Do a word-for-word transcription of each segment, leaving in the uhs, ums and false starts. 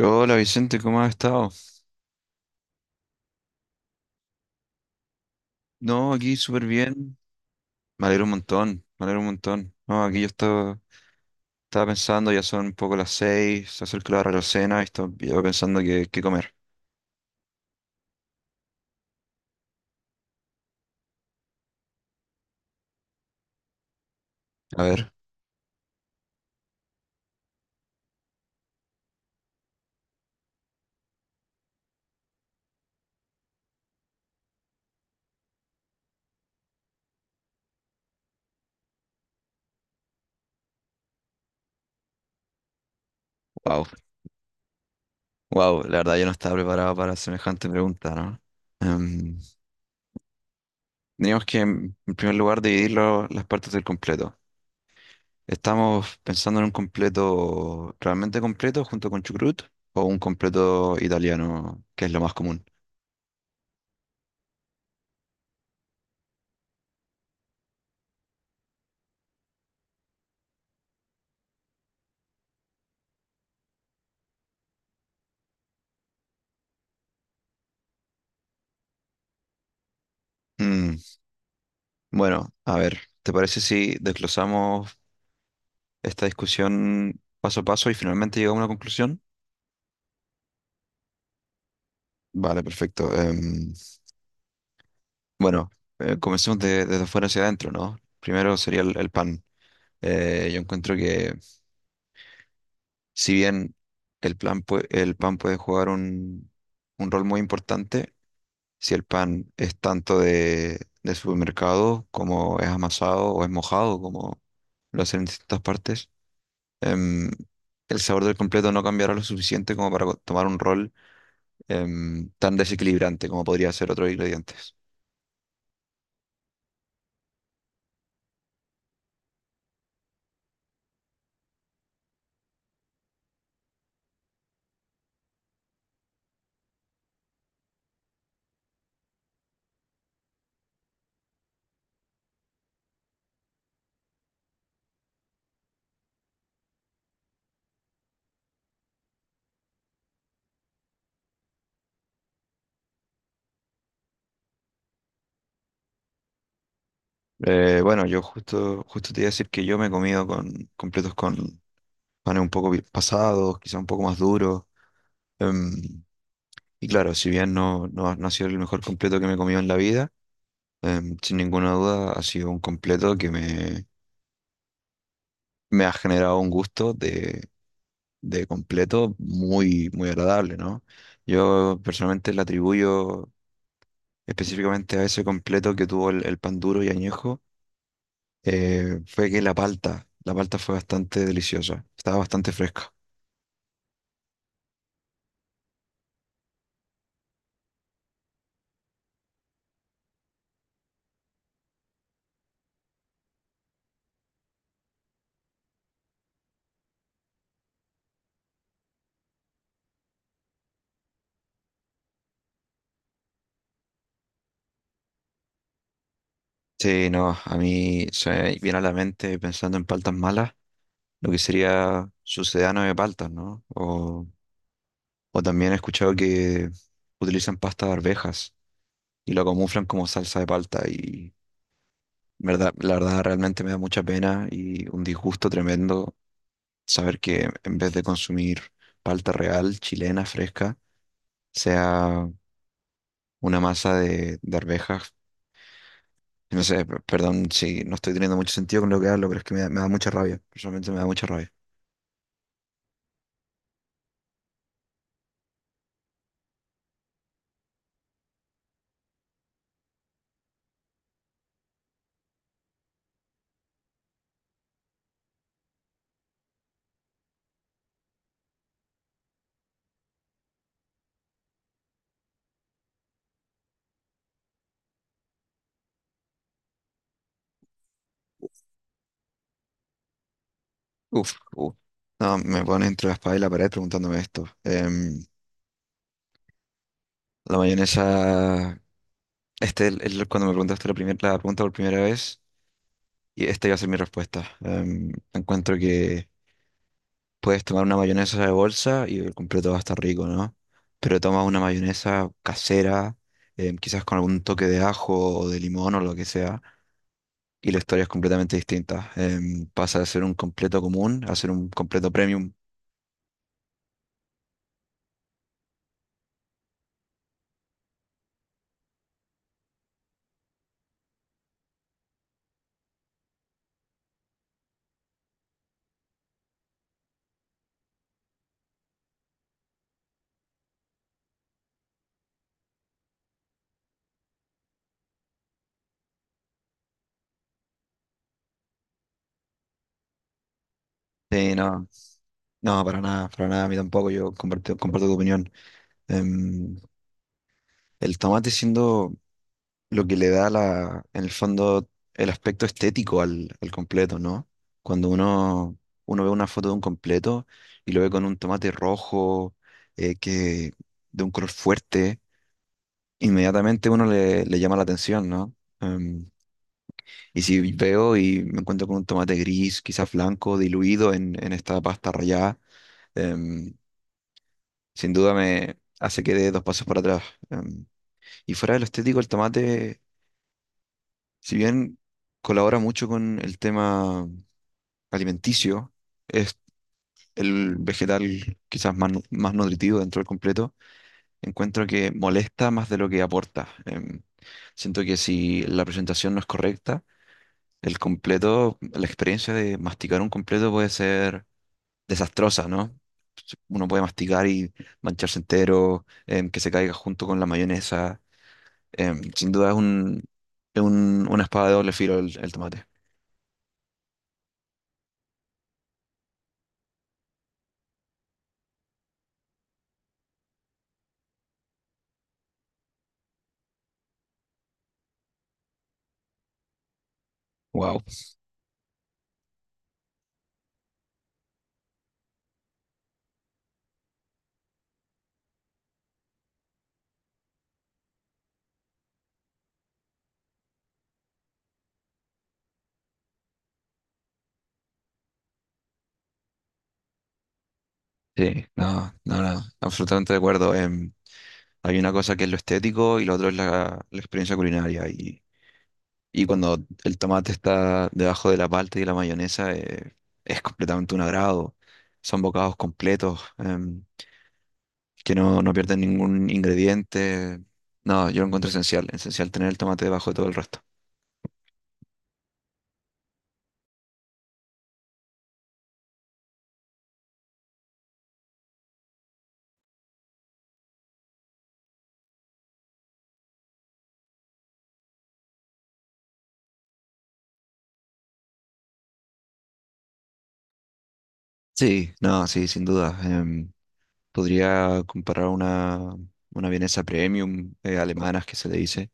Hola Vicente, ¿cómo has estado? No, aquí súper bien. Me alegro un montón, me alegro un montón. No, aquí yo estaba, estaba pensando, ya son un poco las seis, se acerca la hora de la cena y estaba yo pensando qué, qué comer. A ver, wow, wow, la verdad yo no estaba preparado para semejante pregunta, ¿no? Em, teníamos que, en en primer lugar, dividir lo- las partes del completo. ¿Estamos pensando en un completo realmente completo junto con chucrut o un completo italiano, que es lo más común? Mm. Bueno, a ver, ¿te parece si desglosamos esta discusión paso a paso y finalmente llegamos a una conclusión? Vale, perfecto. Em, bueno, eh, comencemos de- desde afuera hacia adentro, ¿no? Primero sería el, el pan. Eh, yo encuentro que si bien el plan pue- el pan puede jugar un, un rol muy importante, si el pan es tanto de, de supermercado como es amasado o es mojado, como lo hacen en distintas partes, em, el sabor del completo no cambiará lo suficiente como para co- tomar un rol em, tan desequilibrante como podría ser otros ingredientes. Eh, bueno, yo justo, justo te iba a decir que yo me he comido con completos con panes un poco vi- pasados, quizá un poco más duros. em, y claro, si bien no, no, no ha sido el mejor completo que me he comido en la vida, em, sin ninguna duda ha sido un completo que me, me ha generado un gusto de, de completo muy, muy agradable, ¿no? Yo personalmente le atribuyo específicamente a ese completo que tuvo el, el pan duro y añejo, eh, fue que la palta, la palta fue bastante deliciosa, estaba bastante fresca. Sí, no, a mí se me viene a la mente pensando en paltas malas, lo que sería sucedano de paltas, ¿no? O, o también he escuchado que utilizan pasta de arvejas y lo camuflan como salsa de palta y verdad, la verdad realmente me da mucha pena y un disgusto tremendo saber que en vez de consumir palta real, chilena, fresca, sea una masa de, de arvejas. No sé, p- perdón si no estoy teniendo mucho sentido con lo que hablo, pero es que me da, me da mucha rabia. Personalmente me da mucha rabia. Uf, uf. No, me pone entre la espada y la pared preguntándome esto. Em, la mayonesa, este el- el- cuando me preguntaste la, primer- la pregunta por primera vez, y esta iba a ser mi respuesta. Em, encuentro que puedes tomar una mayonesa de bolsa y el completo va a estar rico, ¿no? Pero toma una mayonesa casera, em, quizás con algún toque de ajo o de limón o lo que sea y la historia es completamente distinta. Em, pasa de ser un completo común a ser un completo premium. Sí, no, no, para nada, para nada, a mí tampoco, yo comparto, comparto tu opinión. Em, el tomate siendo lo que le da la, en el fondo el aspecto estético al, al completo, ¿no? Cuando uno, uno ve una foto de un completo y lo ve con un tomate rojo, eh, que, de un color fuerte, inmediatamente uno le, le llama la atención, ¿no? Em, y si veo y me encuentro con un tomate gris, quizás blanco, diluido en, en esta pasta rallada, em, sin duda me hace que dé dos pasos para atrás. em. Y fuera de lo estético, el tomate, si bien colabora mucho con el tema alimenticio, es el vegetal quizás más, nu- más nutritivo dentro del completo, encuentro que molesta más de lo que aporta. em. Siento que si la presentación no es correcta, el completo, la experiencia de masticar un completo puede ser desastrosa, ¿no? Uno puede masticar y mancharse entero, em, que se caiga junto con la mayonesa. Em, sin duda es un, es un- una espada de doble filo el, el tomate. Wow. Sí, no, no, no, absolutamente de acuerdo. Em, hay una cosa que es lo estético y lo otro es la, la experiencia culinaria. Y, y cuando el tomate está debajo de la palta y la mayonesa, eh, es completamente un agrado. Son bocados completos. Eh, que no, no pierden ningún ingrediente. No, yo lo encuentro esencial, esencial tener el tomate debajo de todo el resto. Sí, no, sí, sin duda. Em, podría comparar una, una vienesa premium eh, alemanas que se le dice,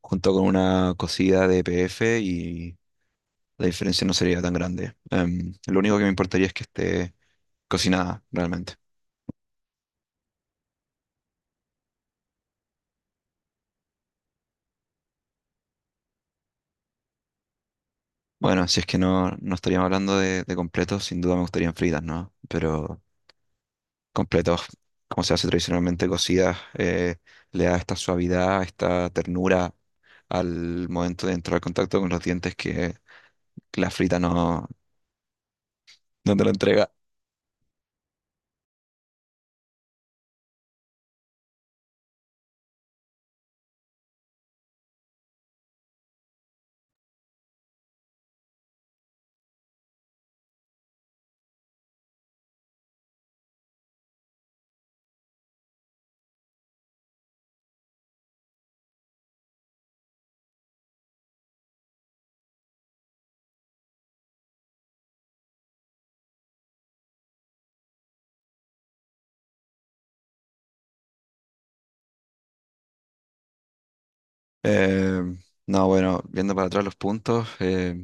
junto con una cocida de P F y la diferencia no sería tan grande. Em, lo único que me importaría es que esté cocinada realmente. Bueno, si es que no, no estaríamos hablando de, de completos, sin duda me gustarían fritas, ¿no? Pero completos, como se hace tradicionalmente cocidas, eh, le da esta suavidad, esta ternura al momento de entrar en contacto con los dientes que la frita no, no te lo entrega. Eh, no, bueno, viendo para atrás los puntos eh,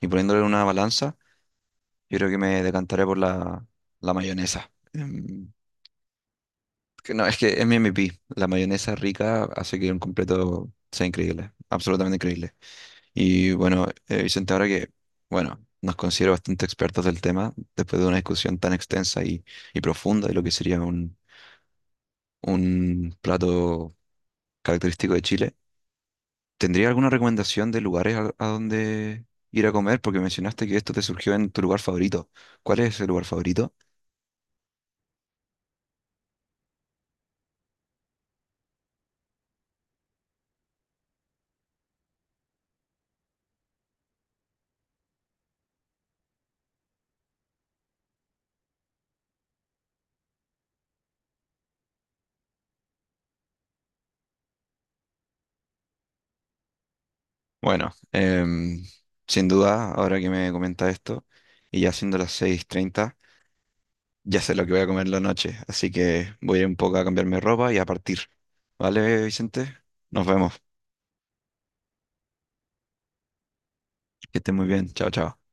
y poniéndole en una balanza, yo creo que me decantaré por la, la mayonesa. Em, que no, es que es mi M V P. La mayonesa rica hace que un completo sea increíble, absolutamente increíble. Y bueno, eh, Vicente, ahora que, bueno, nos considero bastante expertos del tema, después de una discusión tan extensa y, y profunda de lo que sería un, un plato característico de Chile, ¿tendría alguna recomendación de lugares a, a donde ir a comer? Porque mencionaste que esto te surgió en tu lugar favorito. ¿Cuál es ese lugar favorito? Bueno, em, sin duda, ahora que me comentas esto, y ya siendo las seis treinta. Ya sé lo que voy a comer la noche, así que voy a ir un poco a cambiarme de ropa y a partir. ¿Vale, Vicente? Nos vemos. Que esté muy bien. Chao, chao.